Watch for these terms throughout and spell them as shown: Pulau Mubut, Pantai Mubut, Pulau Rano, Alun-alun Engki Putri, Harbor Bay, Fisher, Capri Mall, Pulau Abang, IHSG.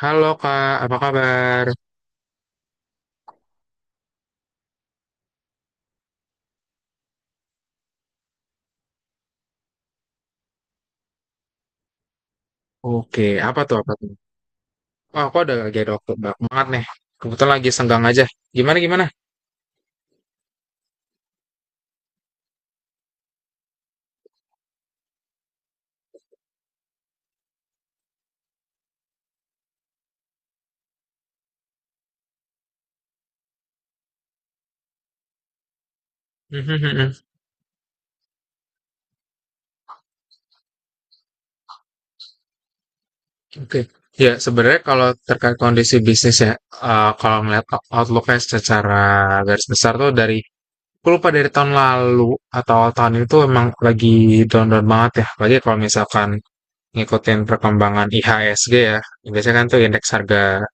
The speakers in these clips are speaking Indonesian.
Halo Kak, apa kabar? Oke, apa tuh? Wah, aku ada waktu banyak banget nih. Kebetulan lagi senggang aja. Gimana gimana? Mhm, mhm. Oke. Ya, sebenarnya kalau terkait kondisi bisnis ya, kalau ngeliat outlook-nya secara garis besar tuh dari, aku lupa dari tahun lalu atau tahun itu emang lagi down-down banget ya. Lagi kalau misalkan ngikutin perkembangan IHSG ya. Biasanya kan tuh indeks harga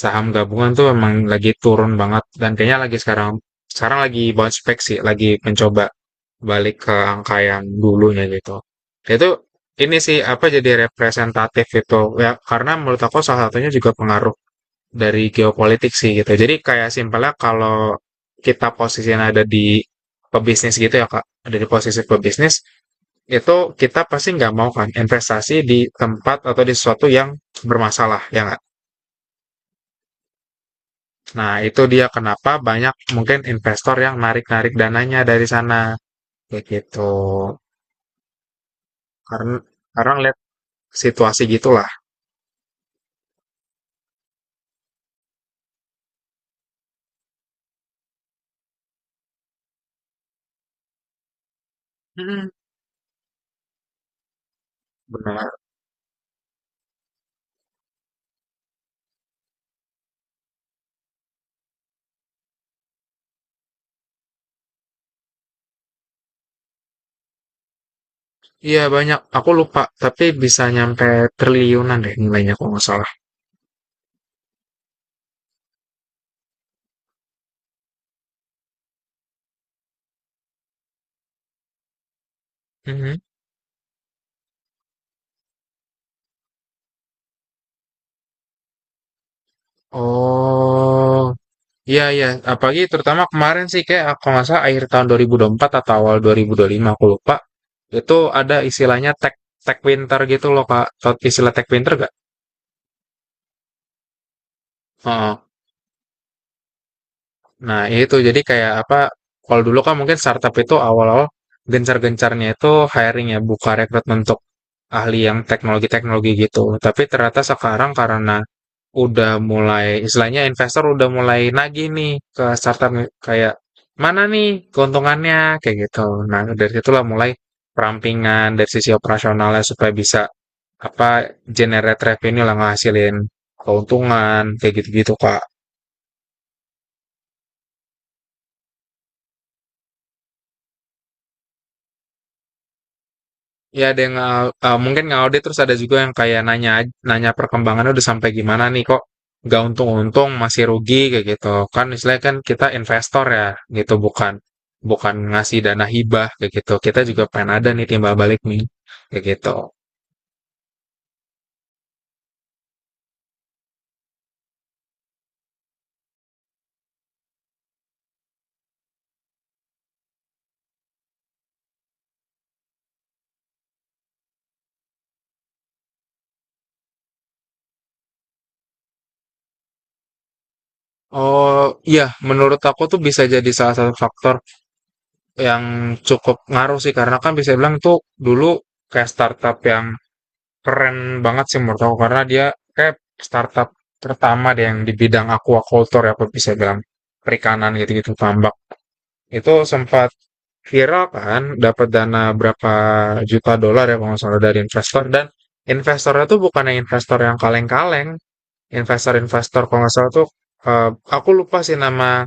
saham gabungan tuh emang lagi turun banget dan kayaknya lagi sekarang sekarang lagi bounce back sih, lagi mencoba balik ke angka yang dulunya gitu. Itu ini sih apa jadi representatif itu ya karena menurut aku salah satunya juga pengaruh dari geopolitik sih gitu. Jadi kayak simpelnya kalau kita posisinya ada di pebisnis gitu ya Kak, ada di posisi pebisnis itu kita pasti nggak mau kan investasi di tempat atau di sesuatu yang bermasalah ya nggak? Nah itu dia kenapa banyak mungkin investor yang narik-narik dananya dari sana kayak gitu karena karena lihat situasi gitulah. Mm-mm. Benar. Iya banyak. Aku lupa, tapi bisa nyampe triliunan deh nilainya kalau nggak salah. Mhm. Oh, iya iya. Apalagi terutama kemarin sih kayak aku nggak salah akhir tahun 2024 atau awal 2025 aku lupa. Itu ada istilahnya tech tech winter gitu loh Kak. Tau Istilah tech winter gak? Oh, nah, itu jadi kayak apa? Kalau dulu kan mungkin startup itu awal-awal gencar-gencarnya itu hiring ya, buka rekrutmen untuk ahli yang teknologi-teknologi gitu. Tapi ternyata sekarang karena udah mulai istilahnya investor udah mulai nagih nih ke startup kayak mana nih keuntungannya kayak gitu. Nah, dari situlah mulai perampingan dari sisi operasionalnya supaya bisa apa generate revenue lah ngasilin keuntungan kayak gitu-gitu kak ya ada yang mungkin ngaudit terus ada juga yang kayak nanya nanya perkembangannya udah sampai gimana nih kok nggak untung-untung masih rugi kayak gitu kan istilahnya kan kita investor ya gitu bukan bukan ngasih dana hibah kayak gitu kita juga pengen ada nih timbal balik nih kayak gitu oh iya menurut aku tuh bisa jadi salah satu faktor yang cukup ngaruh sih karena kan bisa bilang tuh dulu kayak startup yang keren banget sih menurut aku karena dia kayak startup pertama deh yang di bidang aquaculture ya aku bisa bilang perikanan gitu-gitu tambak itu sempat viral kan dapat dana berapa juta dolar ya kalau nggak salah dari investor dan investornya tuh bukan yang investor yang kaleng-kaleng investor-investor kalau nggak salah tuh eh, aku lupa sih nama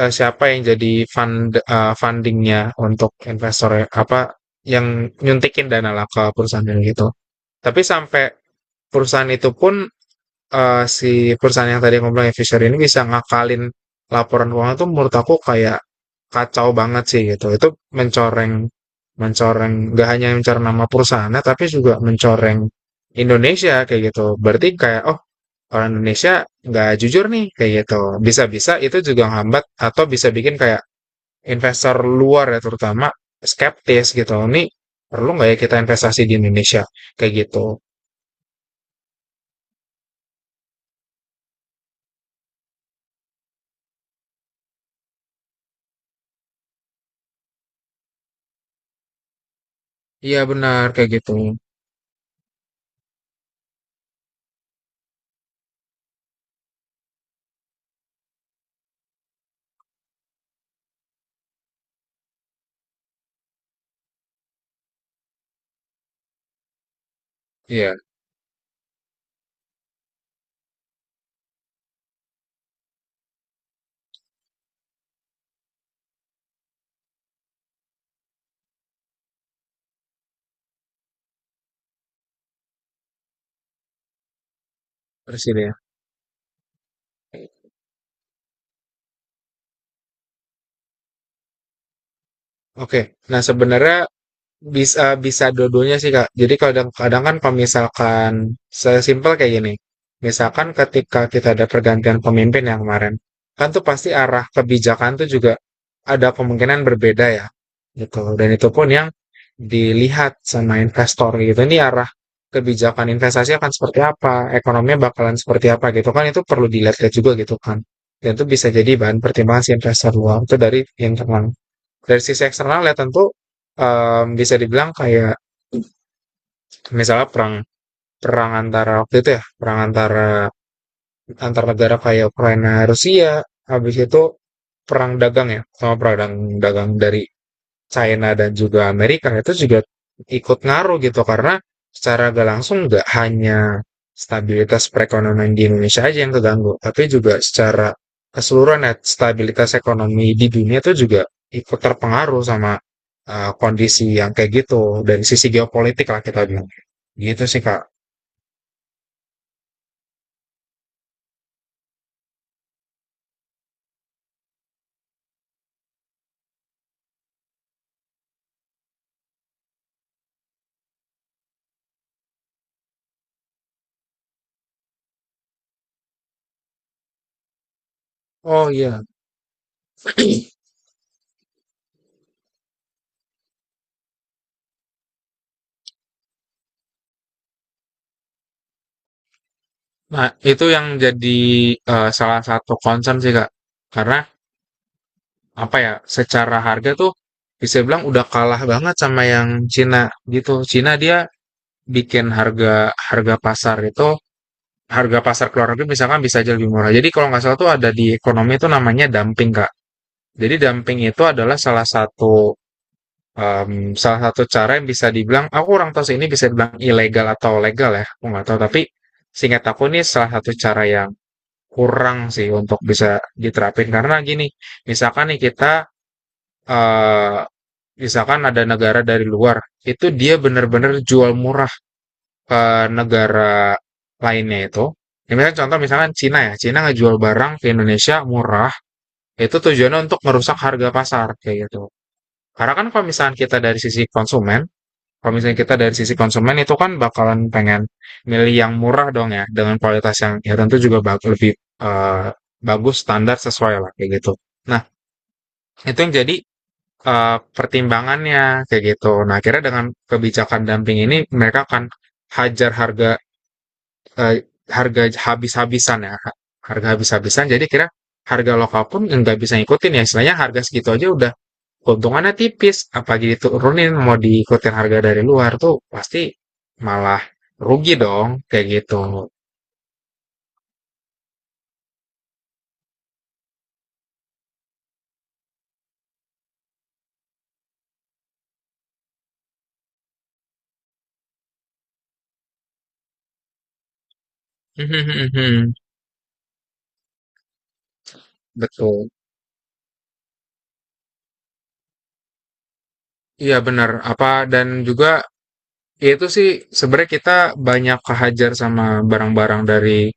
siapa yang jadi fundingnya untuk investor ya, apa yang nyuntikin dana lah ke perusahaan yang gitu tapi sampai perusahaan itu pun si perusahaan yang tadi aku bilang Fisher ini bisa ngakalin laporan keuangan tuh menurut aku kayak kacau banget sih gitu. Itu mencoreng mencoreng gak hanya mencoreng nama perusahaannya tapi juga mencoreng Indonesia kayak gitu. Berarti kayak oh orang Indonesia nggak jujur nih kayak gitu. Bisa-bisa itu juga hambat atau bisa bikin kayak investor luar ya terutama skeptis gitu. Ini perlu nggak ya kita investasi di Indonesia kayak gitu. Iya benar kayak gitu. Iya, presiden. Oke, nah sebenarnya bisa bisa dua-duanya sih Kak. Jadi kadang-kadang kan kalau misalkan sesimpel kayak gini, misalkan ketika kita ada pergantian pemimpin yang kemarin, kan tuh pasti arah kebijakan tuh juga ada kemungkinan berbeda ya, gitu. Dan itu pun yang dilihat sama investor gitu, ini arah kebijakan investasi akan seperti apa, ekonominya bakalan seperti apa gitu kan, itu perlu dilihat juga gitu kan. Dan itu bisa jadi bahan pertimbangan si investor luar, itu dari internal dari sisi eksternal ya tentu bisa dibilang kayak misalnya perang perang antara waktu itu ya perang antar negara kayak Ukraina Rusia habis itu perang dagang ya sama perang dagang dari China dan juga Amerika itu juga ikut ngaruh gitu karena secara gak langsung nggak hanya stabilitas perekonomian di Indonesia aja yang terganggu, tapi juga secara keseluruhan ya, stabilitas ekonomi di dunia itu juga ikut terpengaruh sama kondisi yang kayak gitu dari sisi geopolitik lah kita bilang. Gitu sih Kak. Oh iya, nah itu yang jadi salah satu concern sih Kak. Karena apa ya secara harga tuh bisa bilang udah kalah banget sama yang Cina gitu. Cina dia bikin harga harga pasar itu harga pasar keluar negeri misalkan bisa aja lebih murah. Jadi kalau nggak salah tuh ada di ekonomi itu namanya dumping kak. Jadi dumping itu adalah salah satu em, salah satu cara yang bisa dibilang aku kurang tahu sih ini bisa dibilang ilegal atau legal ya aku nggak tahu tapi singkat aku ini salah satu cara yang kurang sih untuk bisa diterapin karena gini misalkan nih kita eh, misalkan ada negara dari luar, itu dia benar-benar jual murah ke negara lainnya itu. Ya, misalnya contoh misalkan Cina ya, Cina ngejual barang ke Indonesia murah, itu tujuannya untuk merusak harga pasar kayak gitu. Karena kan kalau misalkan kita dari sisi konsumen, kalau misalnya kita dari sisi konsumen itu kan bakalan pengen milih yang murah dong ya, dengan kualitas yang ya tentu juga lebih eh, bagus standar sesuai lah kayak gitu. Nah, itu yang jadi pertimbangannya kayak gitu. Nah, akhirnya dengan kebijakan dumping ini mereka akan hajar harga eh, harga habis-habisan ya, harga habis-habisan. Jadi kira harga lokal pun nggak bisa ngikutin ya. Istilahnya harga segitu aja udah keuntungannya tipis. Apalagi diturunin mau diikutin harga dari luar tuh pasti malah rugi dong kayak gitu. Betul. Iya benar. Apa dan juga ya, itu sih sebenarnya kita banyak kehajar sama barang-barang dari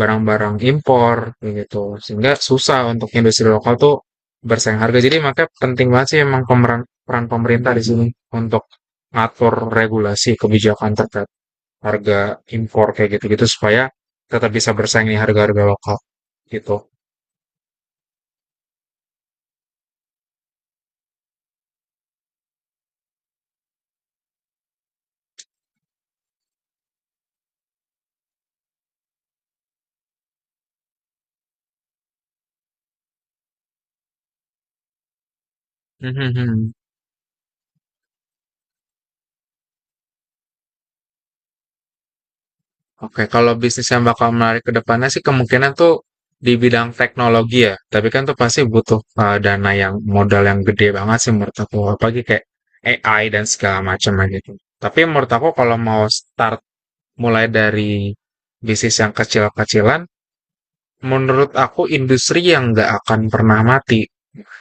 barang-barang impor kayak gitu sehingga susah untuk industri lokal tuh bersaing harga jadi makanya penting banget sih emang peran pemerintah di sini untuk ngatur regulasi kebijakan terkait harga impor kayak gitu-gitu supaya tetap bisa bersaing di harga-harga lokal gitu. Oke, kalau bisnis yang bakal menarik ke depannya sih kemungkinan tuh di bidang teknologi ya. Tapi kan tuh pasti butuh dana yang modal yang gede banget sih menurut aku. Apalagi kayak AI dan segala macamnya gitu. Tapi menurut aku kalau mau mulai dari bisnis yang kecil-kecilan, menurut aku industri yang nggak akan pernah mati,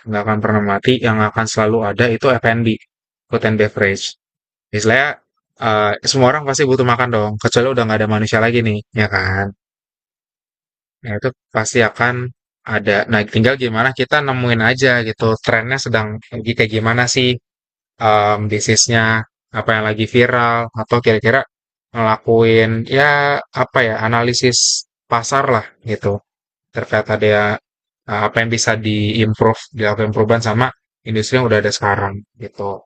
nggak akan pernah mati, yang akan selalu ada itu F&B, food and beverage. Istilahnya semua orang pasti butuh makan dong, kecuali udah nggak ada manusia lagi nih, ya kan? Nah, itu pasti akan ada. Nah, tinggal gimana kita nemuin aja gitu trennya sedang lagi kayak gimana sih disease-nya, apa yang lagi viral atau kira-kira ngelakuin ya apa ya analisis pasar lah gitu terkait ada ya, apa yang bisa diimprove, dilakukan perubahan sama industri yang udah ada sekarang gitu.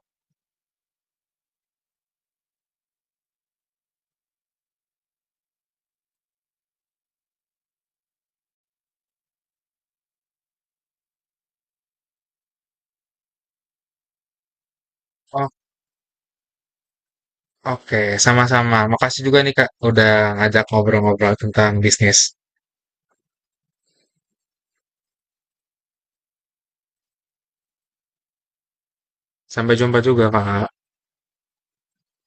Oh, oke, sama-sama. Makasih juga nih Kak udah ngajak ngobrol-ngobrol tentang bisnis. Sampai jumpa juga Kak.